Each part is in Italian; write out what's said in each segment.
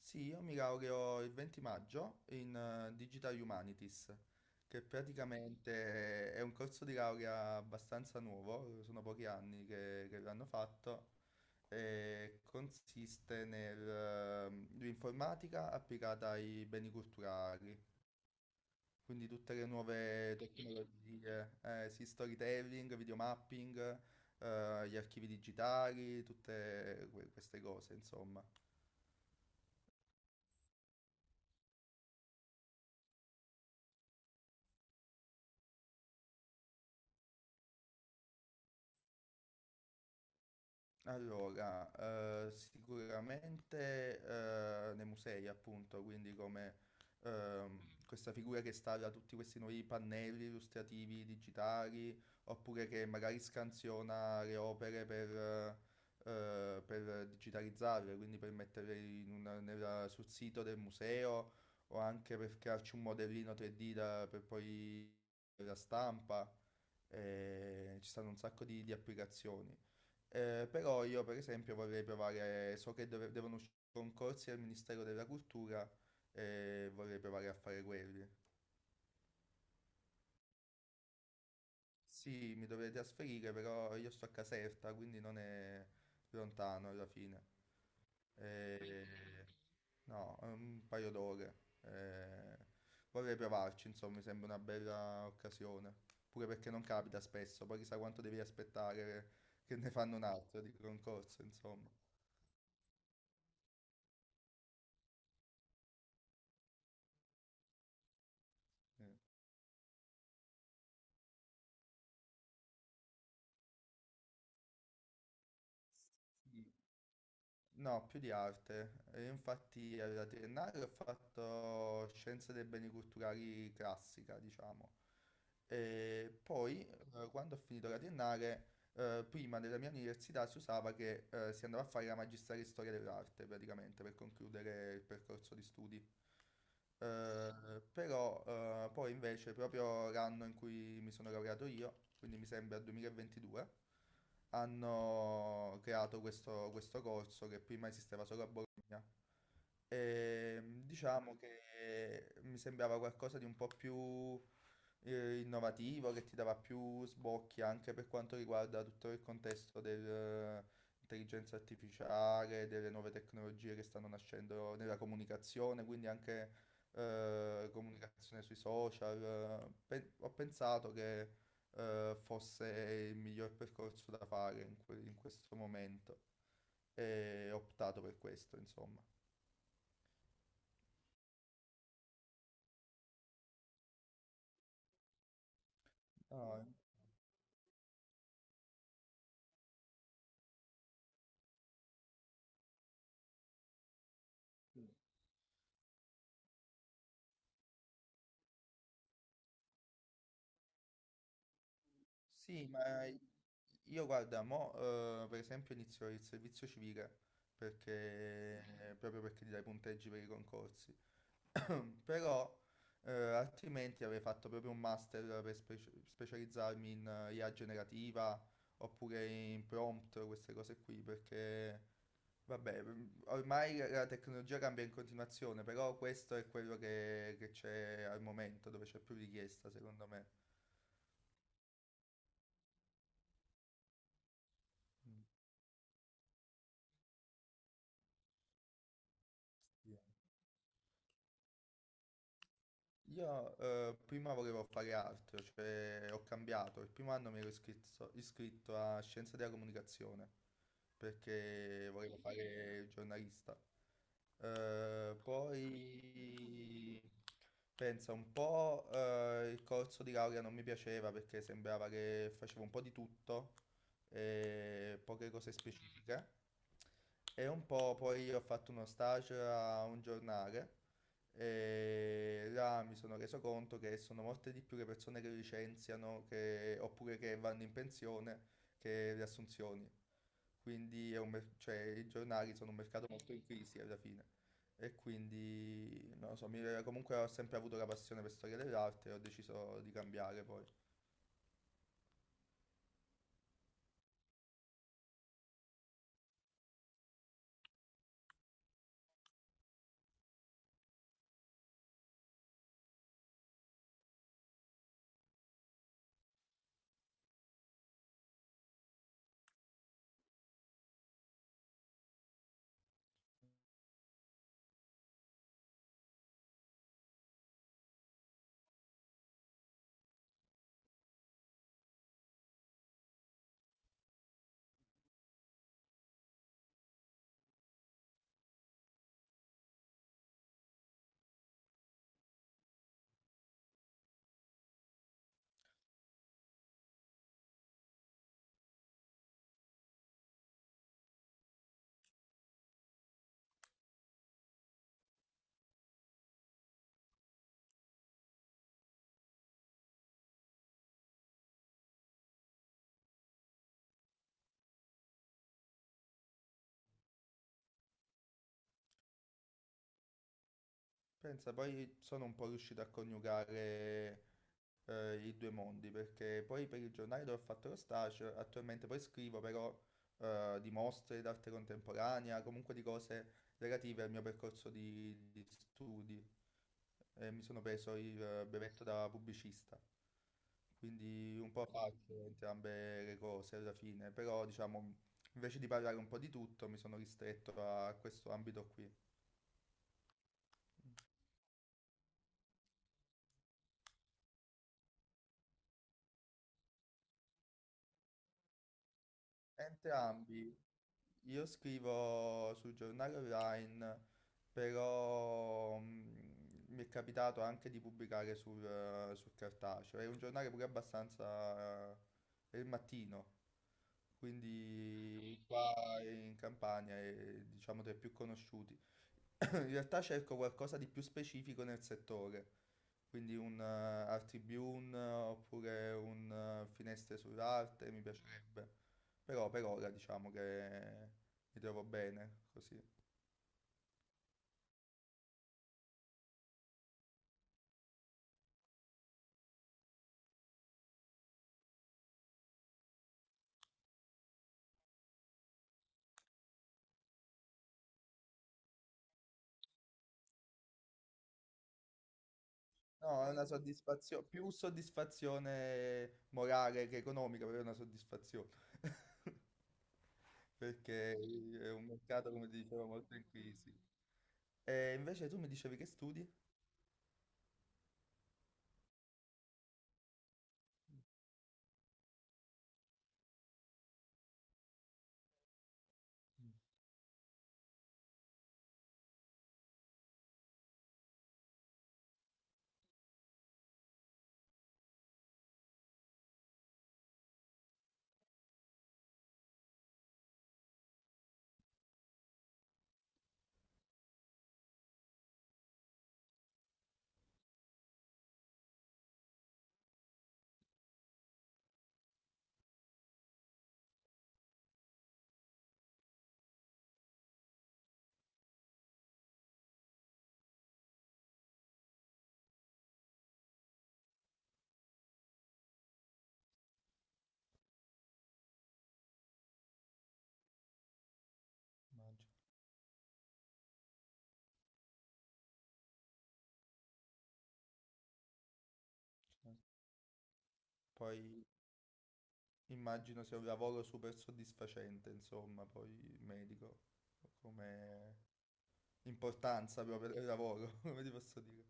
Sì, io mi laureo il 20 maggio in Digital Humanities, che praticamente è un corso di laurea abbastanza nuovo, sono pochi anni che l'hanno fatto, e consiste nell'informatica applicata ai beni culturali, quindi tutte le nuove tecnologie, sì, storytelling, videomapping, gli archivi digitali, tutte queste cose, insomma. Allora, sicuramente nei musei, appunto, quindi come ehm, questa figura che installa tutti questi nuovi pannelli illustrativi digitali, oppure che magari scansiona le opere per digitalizzarle, quindi per metterle sul sito del museo, o anche per crearci un modellino 3D per poi la stampa. Ci stanno un sacco di applicazioni. Però io per esempio vorrei provare, so che devono uscire concorsi al Ministero della Cultura e vorrei provare a fare quelli. Sì, mi dovrei trasferire, però io sto a Caserta, quindi non è lontano alla fine. Eh, no, è un paio d'ore. Eh, vorrei provarci, insomma, mi sembra una bella occasione. Pure perché non capita spesso, poi chissà quanto devi aspettare che ne fanno un altro di concorso, insomma. Eh. Sì. No, più di arte. E infatti alla triennale ho fatto scienze dei beni culturali classica, diciamo. E poi, quando ho finito la triennale, prima della mia università si usava che si andava a fare la magistrale in storia dell'arte, praticamente, per concludere il percorso di studi. Però poi invece proprio l'anno in cui mi sono laureato io, quindi mi sembra 2022, hanno creato questo corso che prima esisteva solo a Bologna. E, diciamo che mi sembrava qualcosa di un po' più innovativo che ti dava più sbocchi anche per quanto riguarda tutto il contesto dell'intelligenza artificiale, delle nuove tecnologie che stanno nascendo nella comunicazione, quindi anche comunicazione sui social. Ho pensato che fosse il miglior percorso da fare in, in questo momento e ho optato per questo, insomma. No. Sì, ma io guarda, mo, per esempio inizio il servizio civile perché, proprio perché ti dai punteggi per i concorsi. Però altrimenti avrei fatto proprio un master per specializzarmi in IA generativa oppure in prompt, queste cose qui, perché vabbè, ormai la tecnologia cambia in continuazione, però questo è quello che c'è al momento, dove c'è più richiesta, secondo me. Mm. Sì. Io prima volevo fare altro, cioè ho cambiato. Il primo anno mi ero iscritto a Scienze della Comunicazione perché volevo fare il giornalista. Poi pensa un po', il corso di laurea non mi piaceva perché sembrava che facevo un po' di tutto e poche cose specifiche. E un po' poi ho fatto uno stage a un giornale e là mi sono reso conto che sono molte di più le persone che licenziano oppure che vanno in pensione che le assunzioni. Quindi è un cioè, i giornali sono un mercato molto in crisi alla fine. E quindi, non lo so, comunque ho sempre avuto la passione per storia dell'arte e ho deciso di cambiare poi. Pensa, poi sono un po' riuscito a coniugare i due mondi, perché poi per il giornale dove ho fatto lo stage, attualmente poi scrivo però di mostre d'arte contemporanea, comunque di cose relative al mio percorso di studi. E mi sono preso il brevetto da pubblicista, quindi un po' faccio entrambe le cose alla fine, però diciamo invece di parlare un po' di tutto mi sono ristretto a questo ambito qui. Entrambi. Io scrivo sul giornale online, però mi è capitato anche di pubblicare sul, sul cartaceo. È un giornale pure abbastanza... è il mattino, quindi qua in Campania è diciamo tra i più conosciuti. In realtà cerco qualcosa di più specifico nel settore, quindi un art tribune oppure un finestre sull'arte mi piacerebbe, però per ora diciamo che mi trovo bene così. No, è una soddisfazione, più soddisfazione morale che economica, però è una soddisfazione, perché è un mercato, come ti dicevo, molto in crisi. E invece tu mi dicevi che studi? Mm. Maggio. Poi immagino sia un lavoro super soddisfacente, insomma, poi il medico, come importanza proprio del lavoro, come ti posso dire.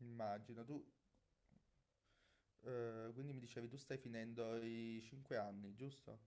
Immagino, tu quindi mi dicevi tu stai finendo i 5 anni, giusto?